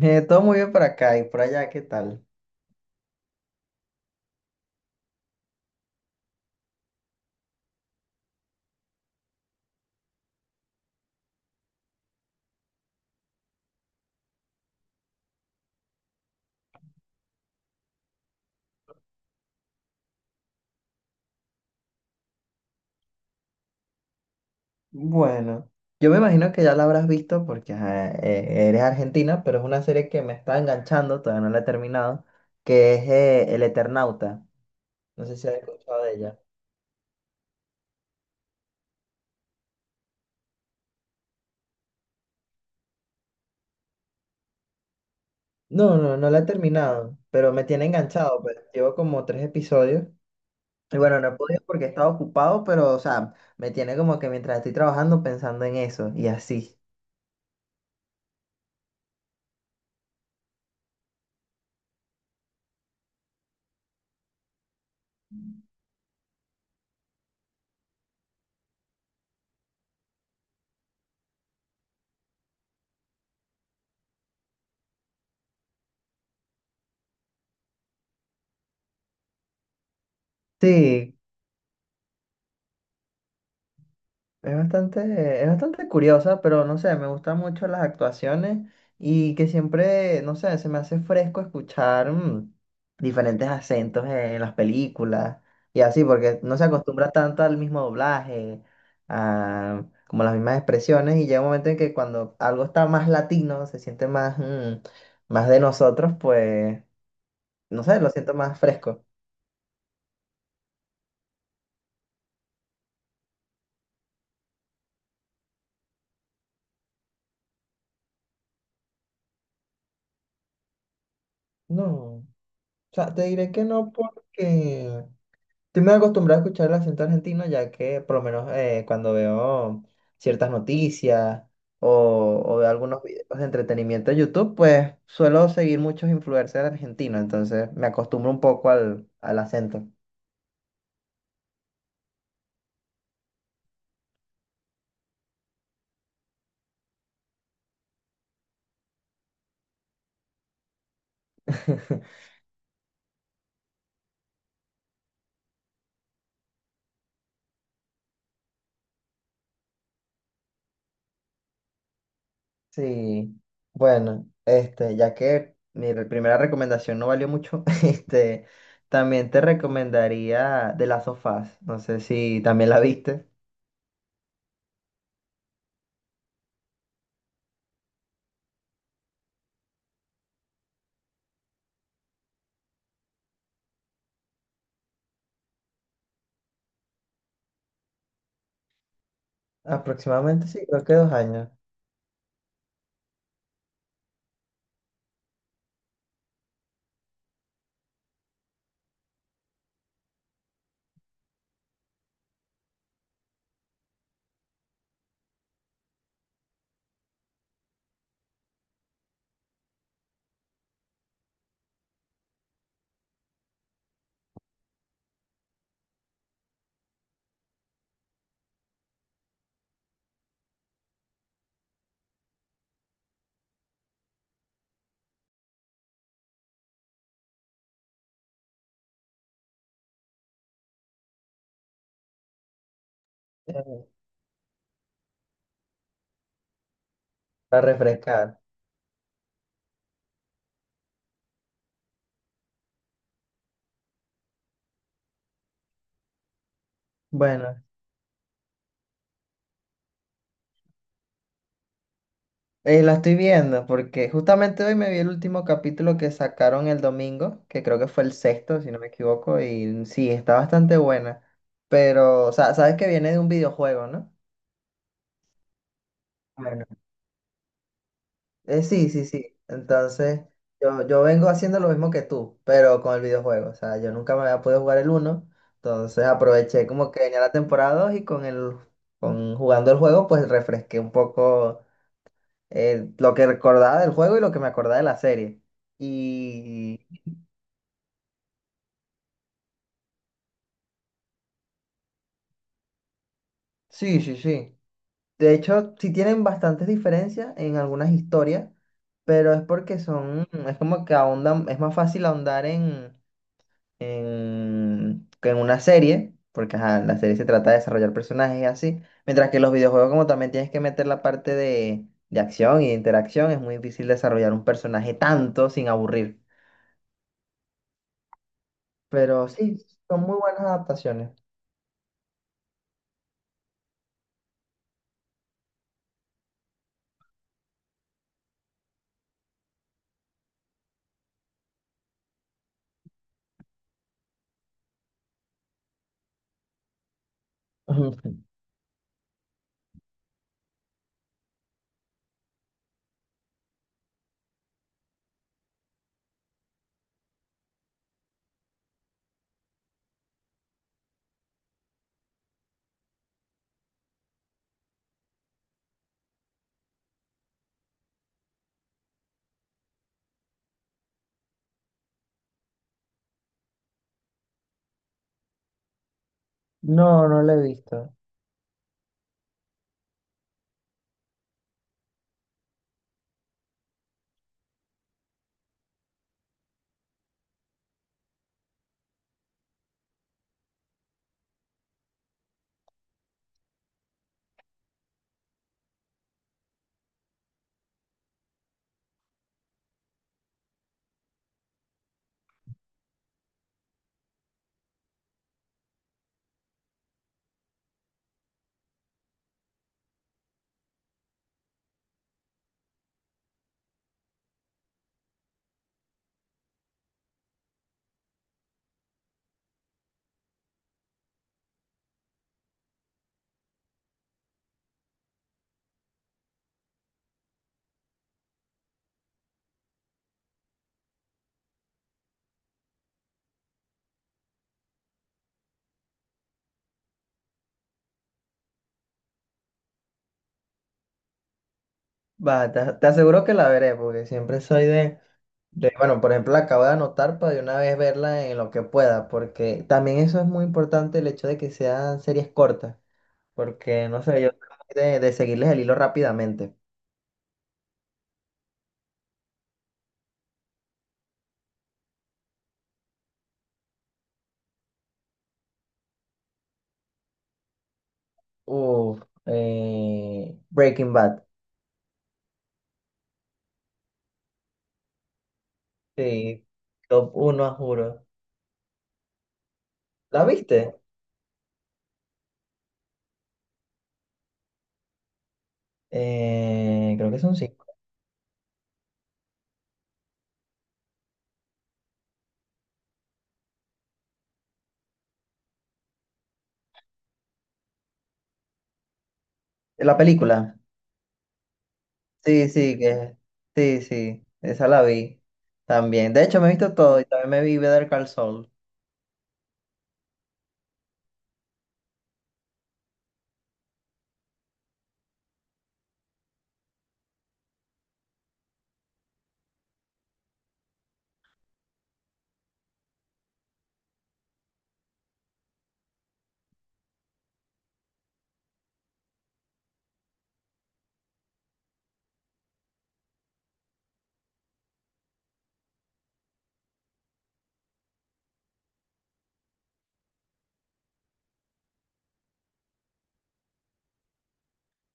Todo muy bien por acá y por allá, ¿qué tal? Bueno, yo me imagino que ya la habrás visto porque ajá, eres argentina, pero es una serie que me está enganchando, todavía no la he terminado, que es El Eternauta. No sé si has escuchado de ella. No, no la he terminado, pero me tiene enganchado, pues llevo como tres episodios. Y bueno, no he podido porque he estado ocupado, pero o sea, me tiene como que mientras estoy trabajando pensando en eso y así. Sí, es bastante, es bastante curiosa, pero no sé, me gustan mucho las actuaciones y que siempre, no sé, se me hace fresco escuchar diferentes acentos en las películas y así, porque no se acostumbra tanto al mismo doblaje, a como las mismas expresiones y llega un momento en que cuando algo está más latino, se siente más, más de nosotros, pues, no sé, lo siento más fresco. No, o sea, te diré que no porque... Estoy muy acostumbrado a escuchar el acento argentino, ya que por lo menos cuando veo ciertas noticias o veo algunos videos de entretenimiento de YouTube, pues suelo seguir muchos influencers argentinos, entonces me acostumbro un poco al acento. Sí, bueno, este, ya que mi primera recomendación no valió mucho, este, también te recomendaría The Last of Us, no sé si también la viste. Aproximadamente sí, creo que dos años, eh, para refrescar. Bueno, la estoy viendo porque justamente hoy me vi el último capítulo que sacaron el domingo, que creo que fue el sexto, si no me equivoco, y sí, está bastante buena. Pero, o sea, sabes que viene de un videojuego, ¿no? Bueno, sí, sí, sí. Entonces, yo vengo haciendo lo mismo que tú, pero con el videojuego. O sea, yo nunca me había podido jugar el uno, entonces aproveché como que venía la temporada 2 y con con jugando el juego, pues refresqué un poco lo que recordaba del juego y lo que me acordaba de la serie. Y sí, sí, sí. De hecho, sí tienen bastantes diferencias en algunas historias, pero es porque son, es como que ahondan, es más fácil ahondar que en una serie, porque ajá, la serie se trata de desarrollar personajes y así, mientras que los videojuegos como también tienes que meter la parte de acción y de interacción, es muy difícil desarrollar un personaje tanto sin aburrir. Pero sí, son muy buenas adaptaciones. No, no la he visto. Va, te aseguro que la veré, porque siempre soy de bueno, por ejemplo, la acabo de anotar para de una vez verla en lo que pueda, porque también eso es muy importante el hecho de que sean series cortas, porque no sé, yo soy de seguirles el hilo rápidamente. Uf, Breaking Bad, sí, top uno, juro. ¿La viste? Creo que son cinco. La película. Sí, sí, que sí, sí, esa la vi también. De hecho, me he visto todo y también me vi Better Call Saul.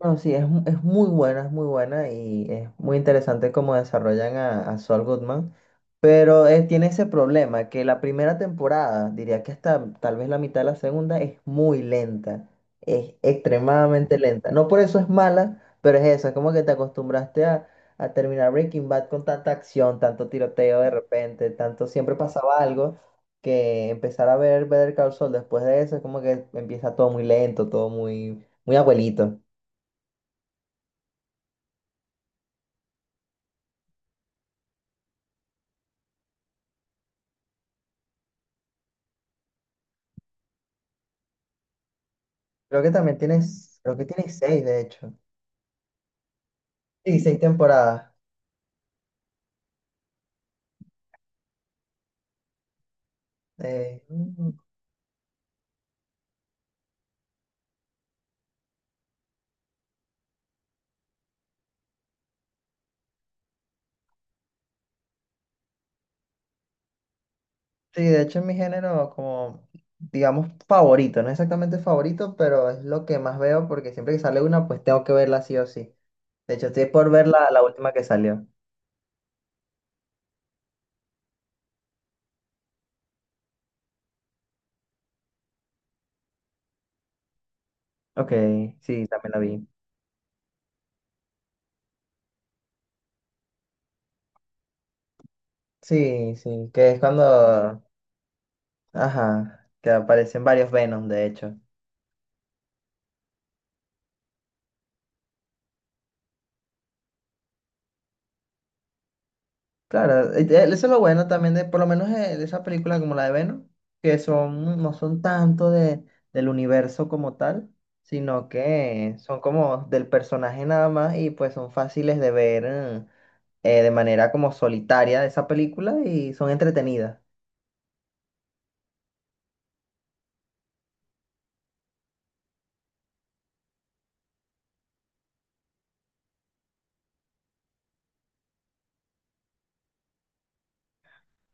No, sí, es, es muy buena y es muy interesante cómo desarrollan a Saul Goodman, pero tiene ese problema que la primera temporada, diría que hasta tal vez la mitad de la segunda, es muy lenta, es extremadamente lenta. No por eso es mala, pero es eso, es como que te acostumbraste a terminar Breaking Bad con tanta acción, tanto tiroteo de repente, tanto siempre pasaba algo, que empezar a ver Better Call Saul después de eso es como que empieza todo muy lento, todo muy, muy abuelito. Creo que también tienes, creo que tienes seis, de hecho. Sí, seis temporadas. Eh, mm, sí, de hecho es mi género como, digamos, favorito. No exactamente favorito, pero es lo que más veo porque siempre que sale una, pues tengo que verla sí o sí. De hecho, estoy por ver la última que salió. Ok, sí, también la vi. Sí, sí, que es cuando, ajá, que aparecen varios Venom de hecho. Claro, eso es lo bueno también de, por lo menos de esas películas como la de Venom, que son, no son tanto de, del universo como tal, sino que son como del personaje nada más y pues son fáciles de ver de manera como solitaria de esa película y son entretenidas.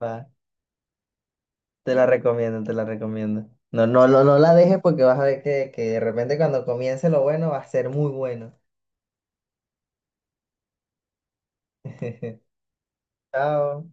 Va, te la recomiendo, te la recomiendo. No, no, no la dejes porque vas a ver que de repente cuando comience lo bueno va a ser muy bueno. Chao.